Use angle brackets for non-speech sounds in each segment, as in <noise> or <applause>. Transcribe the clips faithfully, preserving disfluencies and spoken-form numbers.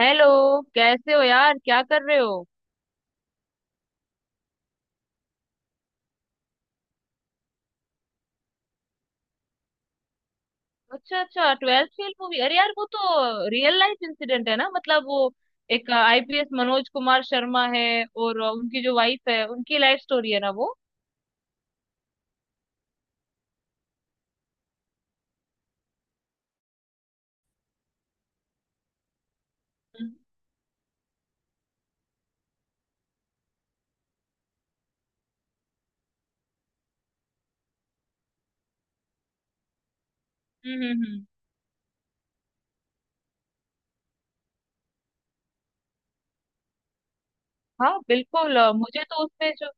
Hello. कैसे हो यार, क्या कर रहे हो? अच्छा अच्छा, ट्वेल्थ फेल मूवी। अरे यार, वो तो रियल लाइफ इंसिडेंट है ना। मतलब वो एक आईपीएस मनोज कुमार शर्मा है। और अ, उनकी जो वाइफ है उनकी लाइफ स्टोरी है ना वो। हम्म हम्म हम्म, हम्म। हाँ बिल्कुल। अ, मुझे तो उसमें जो।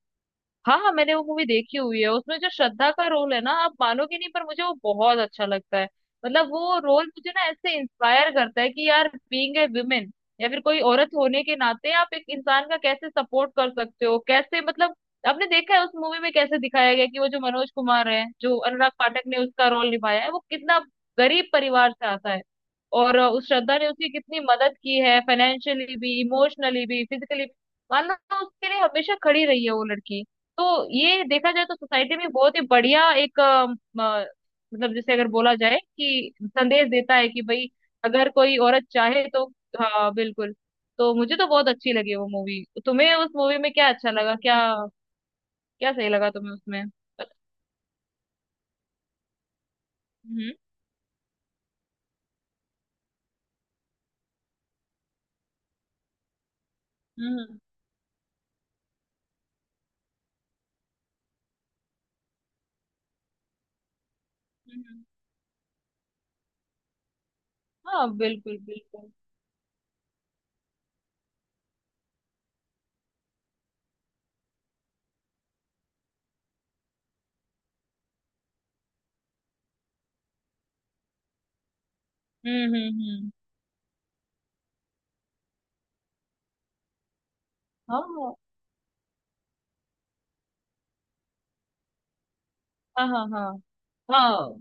हाँ हाँ, मैंने वो मूवी देखी हुई है, उसमें जो श्रद्धा का रोल है ना, आप मानोगे नहीं पर मुझे वो बहुत अच्छा लगता है। मतलब वो रोल मुझे ना ऐसे इंस्पायर करता है कि यार बीइंग ए वुमेन, या फिर कोई औरत होने के नाते आप एक इंसान का कैसे सपोर्ट कर सकते हो, कैसे मतलब। आपने देखा है उस मूवी में कैसे दिखाया गया कि वो जो मनोज कुमार है जो अनुराग पाठक ने उसका रोल निभाया है वो कितना गरीब परिवार से आता है। और अ, उस श्रद्धा ने उसकी कितनी मदद की है, फाइनेंशियली भी, इमोशनली भी, फिजिकली भी। मान लो उसके लिए हमेशा खड़ी रही है वो लड़की। तो ये देखा जाए तो सोसाइटी में बहुत ही बढ़िया एक अ, म, मतलब जैसे अगर बोला जाए कि संदेश देता है कि भाई अगर कोई औरत चाहे तो। हाँ बिल्कुल। तो मुझे तो बहुत अच्छी लगी वो मूवी। तुम्हें उस मूवी में क्या अच्छा लगा, क्या क्या सही लगा तुम्हें उसमें? हम्म हम्म हम्म, हम्म। हाँ बिल्कुल बिल्कुल। हम्म हम्म हम्म। हाँ हाँ हाँ हाँ हाँ,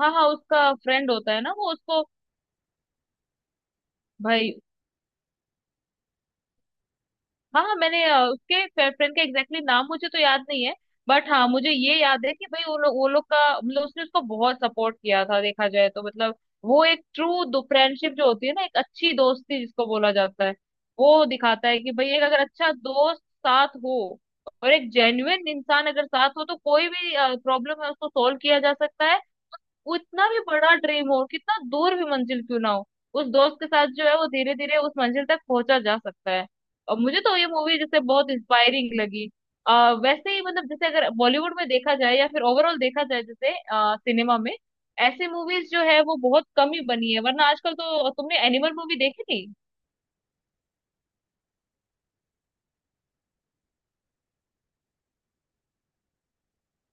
हाँ हाँ हाँ, उसका फ्रेंड होता है ना वो उसको। भाई हाँ, मैंने अ, उसके फ्रेंड का एग्जैक्टली नाम मुझे तो याद नहीं है। बट हाँ, मुझे ये याद है कि भाई वो लोग वो लोग का मतलब उसने उसको बहुत सपोर्ट किया था, देखा जाए तो। मतलब वो एक ट्रू फ्रेंडशिप जो होती है ना, एक अच्छी दोस्ती जिसको बोला जाता है, वो दिखाता है कि भाई एक अगर अच्छा दोस्त साथ हो और एक जेन्युइन इंसान अगर साथ हो तो कोई भी प्रॉब्लम है उसको सोल्व किया जा सकता है। वो इतना भी बड़ा ड्रीम हो, कितना दूर भी मंजिल क्यों ना हो, उस दोस्त के साथ जो है वो धीरे धीरे उस मंजिल तक पहुंचा जा सकता है। और मुझे तो ये मूवी जैसे बहुत इंस्पायरिंग लगी। आ, वैसे ही मतलब जैसे अगर बॉलीवुड में देखा जाए या फिर ओवरऑल देखा जाए जैसे सिनेमा में, ऐसी मूवीज जो है वो बहुत कम ही बनी है। वरना आजकल तो तुमने एनिमल मूवी देखी थी।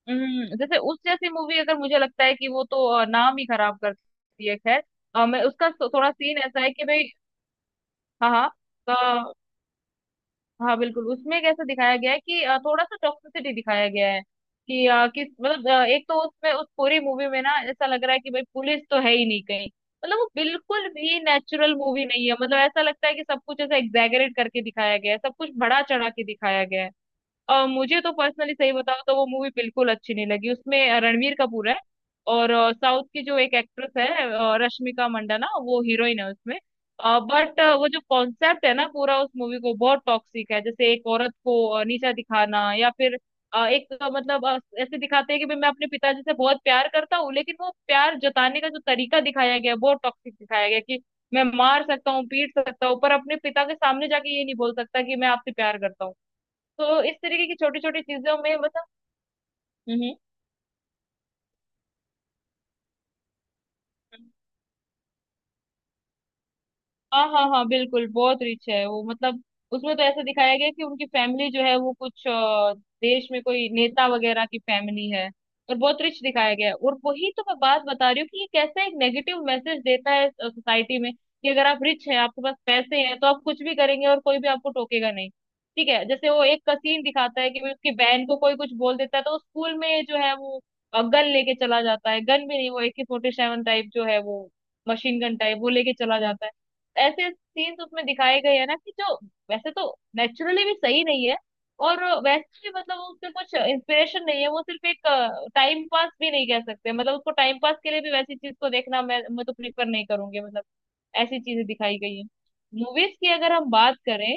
हम्म, जैसे उस जैसी मूवी, अगर मुझे लगता है कि वो तो अ, नाम ही खराब करती है, खैर। अ, मैं उसका थो- थोड़ा सीन ऐसा है कि भाई। हाँ हाँ हाँ बिल्कुल, उसमें कैसे दिखाया गया है कि अ, थोड़ा सा टॉक्सिसिटी दिखाया गया है कि अ, किस मतलब अ, एक तो उसमें उस पूरी मूवी में ना ऐसा लग रहा है कि भाई पुलिस तो है ही नहीं कहीं। मतलब वो बिल्कुल भी नेचुरल मूवी नहीं है। मतलब ऐसा लगता है कि सब कुछ ऐसा एग्जैगरेट करके दिखाया गया है, सब कुछ बड़ा चढ़ा के दिखाया गया है। अ, मुझे तो पर्सनली सही बताओ तो वो मूवी बिल्कुल अच्छी नहीं लगी। उसमें अ, रणवीर कपूर है और साउथ की जो एक एक्ट्रेस है, अ, रश्मिका मंदाना, वो हीरोइन है उसमें। बट वो जो कॉन्सेप्ट है ना पूरा, उस मूवी को बहुत टॉक्सिक है, जैसे एक औरत को अ, नीचा दिखाना, या फिर अ, एक अ, मतलब अ, ऐसे दिखाते हैं कि भाई मैं अपने पिताजी से बहुत प्यार करता हूँ, लेकिन वो प्यार जताने का जो तरीका दिखाया गया है, बहुत टॉक्सिक दिखाया गया है कि मैं मार सकता हूँ पीट सकता हूँ, पर अपने पिता के सामने जाके ये नहीं बोल सकता कि मैं आपसे प्यार करता हूँ। तो इस तरीके की छोटी छोटी चीजों में, मतलब। हम्म। हाँ हाँ हाँ बिल्कुल, बहुत रिच है वो। मतलब उसमें तो ऐसा दिखाया गया है कि उनकी फैमिली जो है वो कुछ अ, देश में कोई नेता वगैरह की फैमिली है। और बहुत रिच दिखाया गया है। और वही तो मैं बात बता रही हूँ कि ये कैसा एक नेगेटिव मैसेज देता है सोसाइटी में कि अगर आप रिच हैं आपके पास पैसे हैं तो आप कुछ भी करेंगे और कोई भी आपको टोकेगा नहीं। ठीक है, जैसे वो एक सीन दिखाता है कि भाई उसकी बहन को कोई कुछ बोल देता है तो वो स्कूल में जो है वो गन लेके चला जाता है, गन भी नहीं वो एके फोर्टी सेवन टाइप जो है वो मशीन गन टाइप वो लेके चला जाता है। ऐसे सीन्स उसमें दिखाए गए हैं ना, कि जो वैसे तो नेचुरली भी सही नहीं है, और वैसे भी मतलब उससे कुछ इंस्पिरेशन नहीं है। वो सिर्फ एक टाइम पास भी नहीं कह सकते, मतलब उसको टाइम पास के लिए भी वैसी चीज को देखना मैं मैं तो प्रीफर नहीं करूंगी। मतलब ऐसी चीजें दिखाई गई हैं। मूवीज की अगर हम बात करें।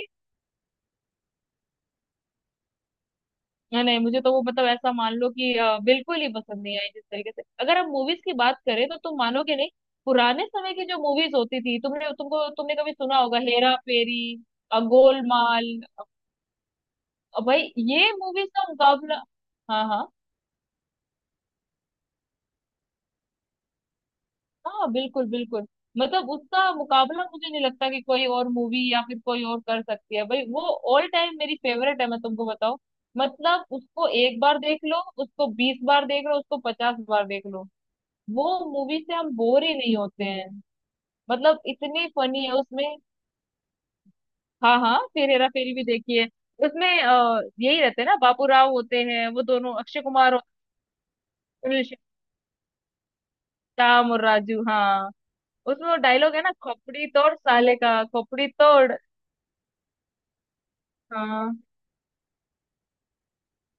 हाँ, नहीं मुझे तो वो मतलब ऐसा मान लो कि अ, बिल्कुल ही पसंद नहीं आई। जिस तरीके से अगर हम मूवीज की बात करें तो तुम मानोगे नहीं, पुराने समय की जो मूवीज होती थी, तुमने तुमको तुमने कभी सुना होगा, हेरा फेरी, अ, गोलमाल। और भाई ये मूवीज का मुकाबला। हाँ हाँ हाँ बिल्कुल बिल्कुल। मतलब उसका मुकाबला मुझे नहीं लगता कि कोई और मूवी या फिर कोई और कर सकती है। भाई वो ऑल टाइम मेरी फेवरेट है, मैं तुमको बताऊं। मतलब उसको एक बार देख लो, उसको बीस बार देख लो, उसको पचास बार देख लो, वो मूवी से हम बोर ही नहीं होते हैं। मतलब इतनी फनी है उसमें। हाँ हाँ, फिर हेरा फेरी भी देखी है। उसमें अ, यही रहते हैं ना, बाबू राव होते हैं वो दोनों, अक्षय कुमार और राम और राजू, हाँ। उसमें वो डायलॉग है ना, खोपड़ी तोड़ साले का, खोपड़ी तोड़। हाँ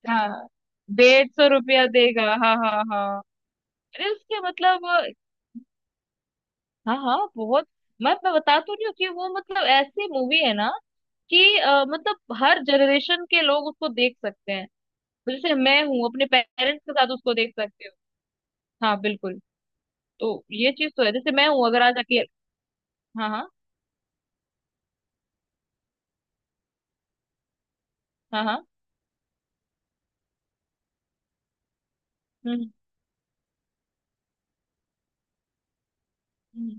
हाँ, डेढ़ सौ रुपया देगा, हाँ हाँ हाँ। अरे उसके मतलब। हाँ हाँ बहुत। मैं मैं बता तो रही हूँ कि वो मतलब ऐसी मूवी है ना कि अ, मतलब हर जनरेशन के लोग उसको देख सकते हैं। तो जैसे मैं हूँ अपने पेरेंट्स के साथ उसको देख सकते हो। हाँ बिल्कुल। तो ये चीज तो है, जैसे मैं हूँ अगर आज अकेले। हाँ हाँ हाँ हाँ। हम्म हम्म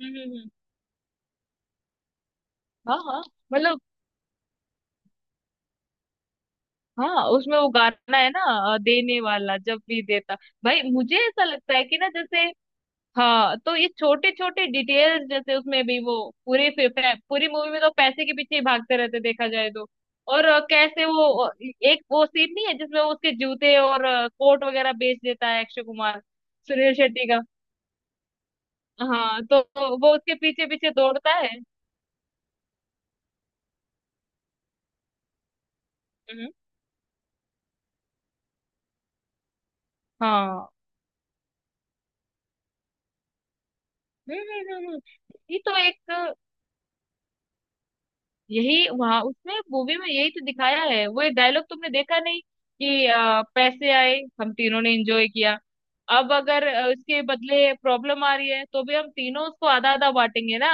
हम्म हम्म, हम्म, हम्म। हाँ हाँ मतलब, हाँ उसमें वो गाना है ना, अ, देने वाला जब भी देता। भाई मुझे ऐसा लगता है कि ना जैसे। हाँ, तो ये छोटे छोटे डिटेल्स, जैसे उसमें भी वो पूरे फि- फै- पूरी मूवी में तो पैसे के पीछे ही भागते रहते, देखा जाए तो। और अ, कैसे वो अ, एक वो सीन नहीं है जिसमें वो उसके जूते और कोट वगैरह बेच देता है, अक्षय कुमार, सुनील शेट्टी का। हाँ, तो तो वो उसके पीछे पीछे दौड़ता है। हम्म, हाँ। हम्म हम्म हम्म, हम्म। ये तो एक, यही वहां उसमें मूवी में यही तो दिखाया है, वो एक डायलॉग तुमने देखा नहीं कि अ, पैसे आए हम तीनों ने एंजॉय किया, अब अगर अ, उसके बदले प्रॉब्लम आ रही है तो भी हम तीनों उसको आधा आधा बांटेंगे ना।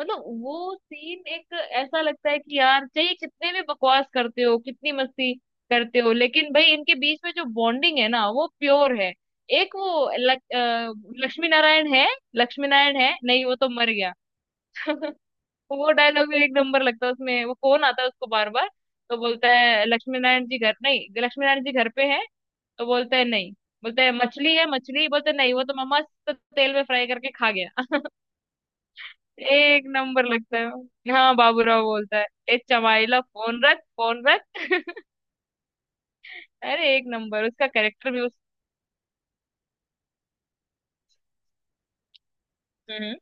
मतलब वो सीन एक, ऐसा लगता है कि यार चाहिए, कितने भी बकवास करते हो, कितनी मस्ती करते हो, लेकिन भाई इनके बीच में जो बॉन्डिंग है ना वो प्योर है। एक वो लक- अ, लक्ष्मी नारायण है। लक्ष्मी नारायण है नहीं, वो तो मर गया। तो वो डायलॉग भी एक नंबर लगता है उसमें, वो फोन आता है उसको बार बार, तो बोलता है लक्ष्मी नारायण जी घर नहीं? लक्ष्मी नारायण जी घर पे है? तो बोलता है नहीं, बोलता है मछली है मछली, बोलते है, नहीं वो तो मम्मा मस्त तेल में फ्राई करके खा गया। <laughs> एक नंबर लगता है। हाँ बाबूराव बोलता है, ए चमाइला, फोन रख फोन रख। अरे एक नंबर, उसका कैरेक्टर भी उस। हम्म।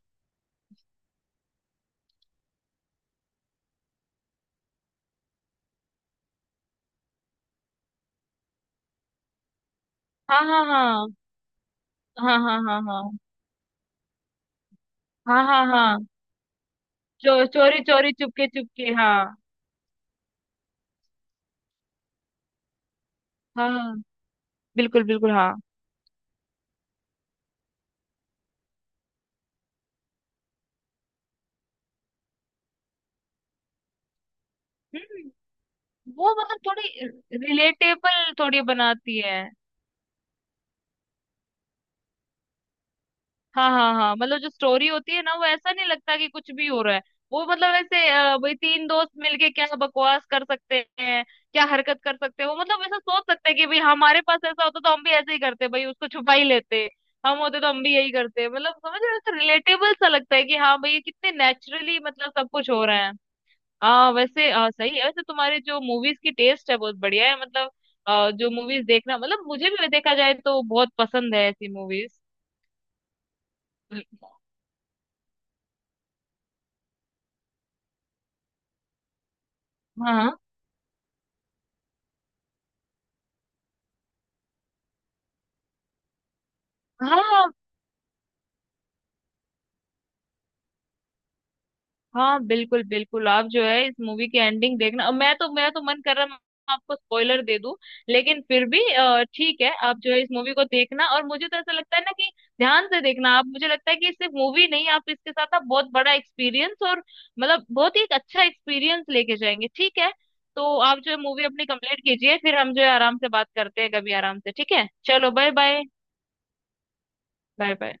हाँ हाँ हाँ हाँ हाँ हाँ हाँ हाँ हाँ हाँ। चो, चोरी चोरी चुपके चुपके, हाँ। हाँ हाँ, बिल्कुल बिल्कुल, हाँ। हम्म। वो मतलब थोड़ी रिलेटेबल थोड़ी बनाती है। हाँ हाँ हाँ, मतलब जो स्टोरी होती है ना, वो ऐसा नहीं लगता कि कुछ भी हो रहा है। वो मतलब ऐसे, अ, वही तीन दोस्त मिलके क्या बकवास कर सकते हैं, क्या हरकत कर सकते हैं, वो मतलब ऐसा सोच सकते हैं कि भाई हमारे पास ऐसा होता तो हम भी ऐसे ही करते, भाई उसको छुपा ही लेते, हम होते तो हम भी यही करते, मतलब समझ रहे हो, रिलेटेबल सा लगता है कि हाँ भाई ये कितने नेचुरली मतलब सब कुछ हो रहा है। आ, वैसे आ, सही है। वैसे तुम्हारे जो मूवीज की टेस्ट है बहुत बढ़िया है, मतलब। आ, जो मूवीज देखना, मतलब मुझे भी देखा जाए तो बहुत पसंद है ऐसी मूवीज। हाँ हाँ हाँ बिल्कुल बिल्कुल। आप जो है इस मूवी की एंडिंग देखना, और मैं तो, मेरा तो मन कर रहा है मैं आपको स्पॉइलर दे दूं, लेकिन फिर भी अ, ठीक है, आप जो है इस मूवी को देखना। और मुझे तो ऐसा लगता है ना कि ध्यान से देखना आप, मुझे लगता है कि सिर्फ मूवी नहीं, आप इसके साथ आप बहुत बड़ा एक्सपीरियंस और मतलब बहुत ही एक अच्छा एक्सपीरियंस लेके जाएंगे, ठीक है। तो आप जो है मूवी अपनी कंप्लीट कीजिए, फिर हम जो है आराम से बात करते हैं कभी, आराम से, ठीक है, चलो, बाय बाय, बाय बाय।